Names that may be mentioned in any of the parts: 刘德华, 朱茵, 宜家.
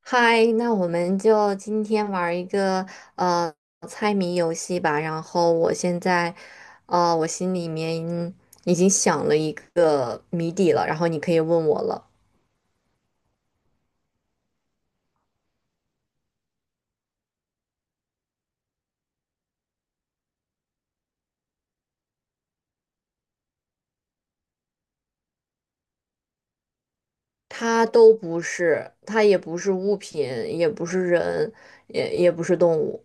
嗨，那我们就今天玩儿一个呃猜谜游戏吧。然后我现在，我心里面已经想了一个谜底了，然后你可以问我了。它都不是，它也不是物品，也不是人，也不是动物。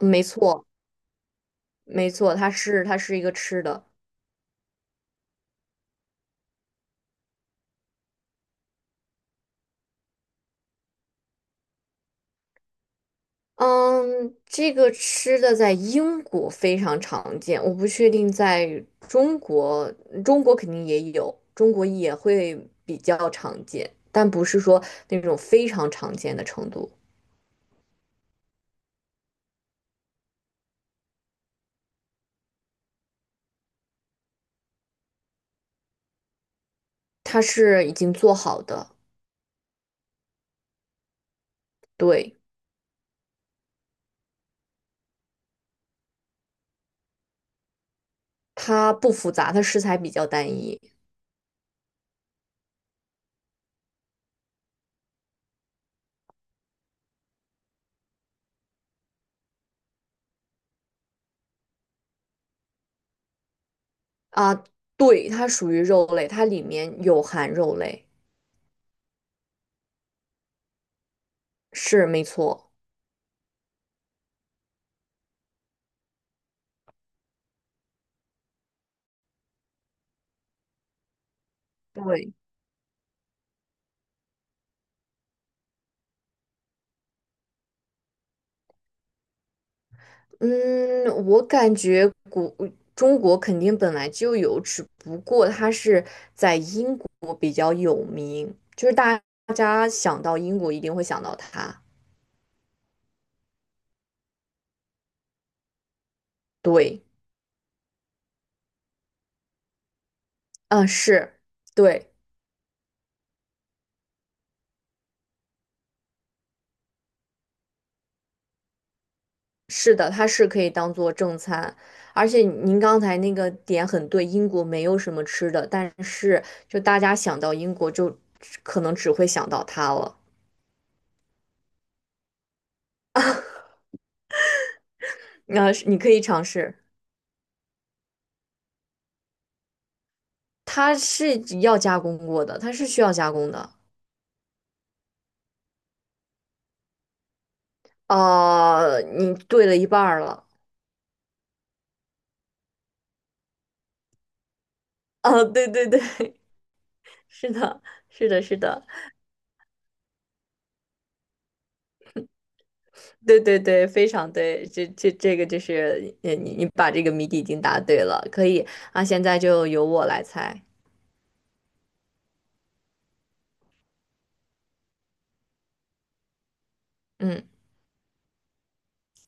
没错，没错，它是一个吃的。嗯，这个吃的在英国非常常见，我不确定在中国，中国肯定也有，中国也会比较常见，但不是说那种非常常见的程度。它是已经做好的，对，它不复杂，它食材比较单一啊，对，它属于肉类，它里面有含肉类，是没错。对嗯，我感觉中国肯定本来就有，只不过它是在英国比较有名，就是大家想到英国一定会想到它。对，嗯，是，对，是的，它是可以当做正餐，而且您刚才那个点很对，英国没有什么吃的，但是就大家想到英国就可能只会想到它了。那是你可以尝试。它是要加工过的，它是需要加工的。啊，你对了一半儿了。啊，对对对，是的，是的，是的，对对对，非常对。这这个就是，你把这个谜底已经答对了，可以啊。现在就由我来猜。嗯，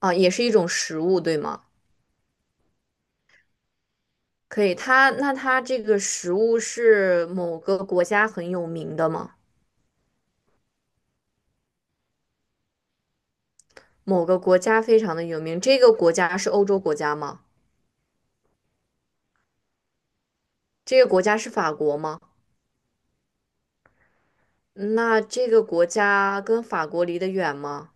啊，也是一种食物，对吗？可以。它那它这个食物是某个国家很有名的吗？某个国家非常的有名，这个国家是欧洲国家吗？这个国家是法国吗？那这个国家跟法国离得远吗？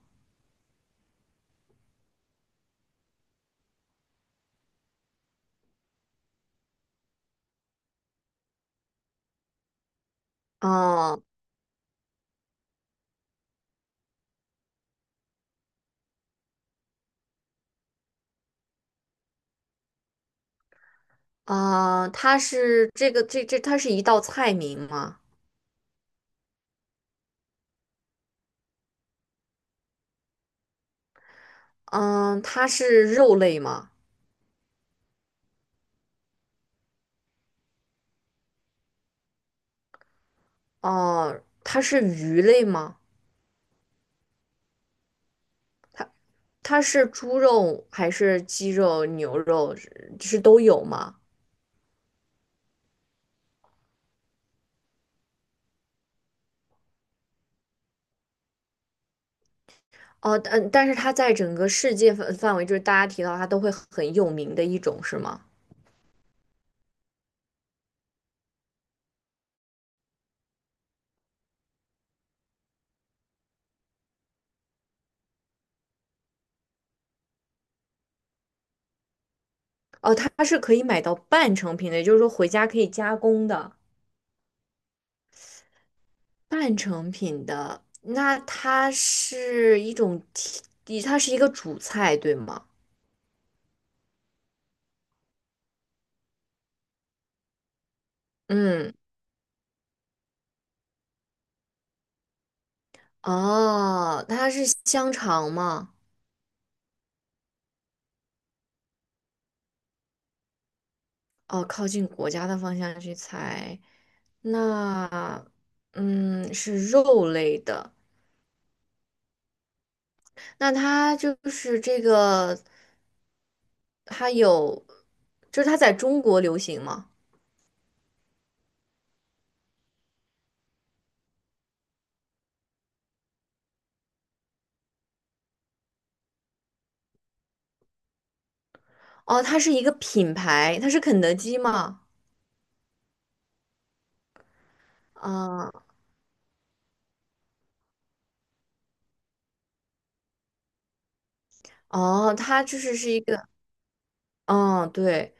嗯啊，它是这个这这它是一道菜名吗？嗯，它是肉类吗？哦，它是鱼类吗？它它是猪肉还是鸡肉、牛肉是都有吗？哦，但但是它在整个世界范围，就是大家提到它都会很有名的一种，是吗？哦，它是可以买到半成品的，也就是说回家可以加工的。半成品的，那它是一种提，它是一个主菜，对吗？嗯，哦，它是香肠吗？哦，靠近国家的方向去猜，那，嗯，是肉类的，那它就是这个，它有，就是它在中国流行吗？哦，它是一个品牌，它是肯德基吗？啊、哦，它就是一个，嗯，对。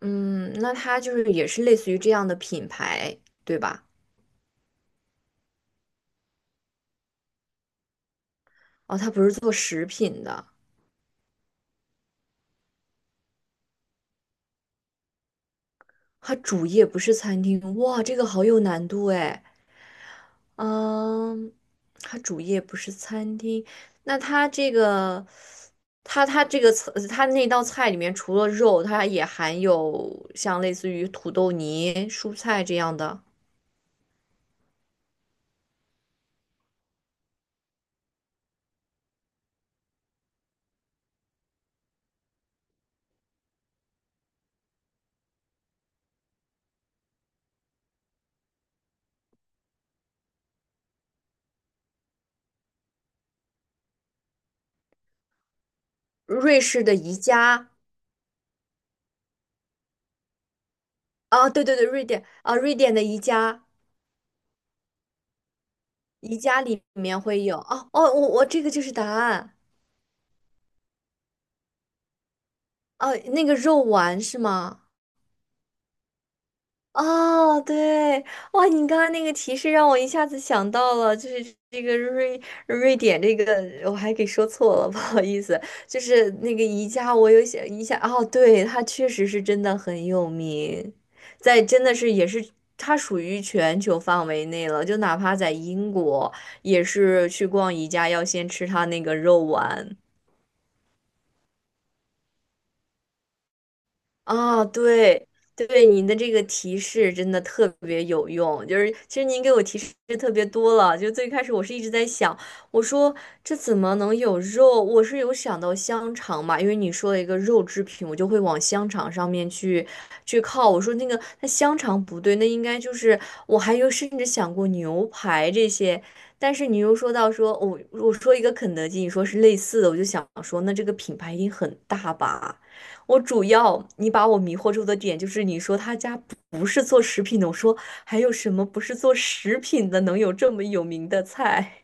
嗯，那它就是也是类似于这样的品牌，对吧？哦，它不是做食品的，它主业不是餐厅。哇，这个好有难度哎。嗯，它主业不是餐厅，那它这个，它这个菜，它那道菜里面除了肉，它也含有像类似于土豆泥、蔬菜这样的。瑞士的宜家啊，对对对，瑞典啊，瑞典的宜家。宜家里面会有哦哦，我这个就是答案哦，那个肉丸是吗？哦，对，哇，你刚刚那个提示让我一下子想到了，就是这个瑞典这个，我还给说错了，不好意思，就是那个宜家，我有想一下哦，对，它确实是真的很有名，在真的是也是它属于全球范围内了，就哪怕在英国也是去逛宜家要先吃它那个肉丸。啊，对对，您的这个提示真的特别有用。就是其实您给我提示特别多了，就最开始我是一直在想，我说这怎么能有肉？我是有想到香肠嘛，因为你说了一个肉制品，我就会往香肠上面去靠。我说那个那香肠不对，那应该就是我还有甚至想过牛排这些。但是你又说到说，我、我说一个肯德基，你说是类似的，我就想说，那这个品牌一定很大吧？我主要你把我迷惑住的点就是你说他家不是做食品的，我说还有什么不是做食品的能有这么有名的菜？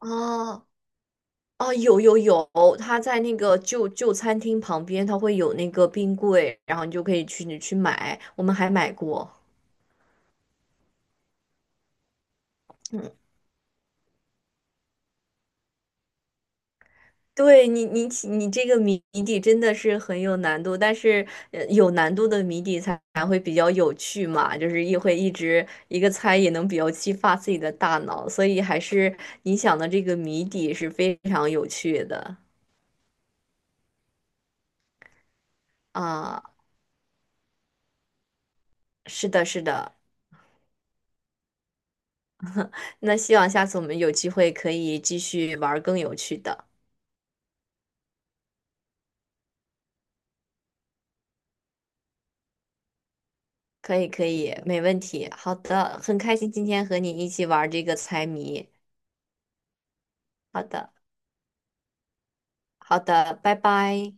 哦，哦，有有有，他在那个旧餐厅旁边，他会有那个冰柜，然后你就可以去你去买，我们还买过。对你，你这个谜底真的是很有难度，但是有难度的谜底才会比较有趣嘛，就是一会一直一个猜也能比较激发自己的大脑，所以还是你想的这个谜底是非常有趣的啊，是的，是的，那希望下次我们有机会可以继续玩儿更有趣的，可以可以，没问题，好的，很开心今天和你一起玩儿这个猜谜，好的好的，拜拜。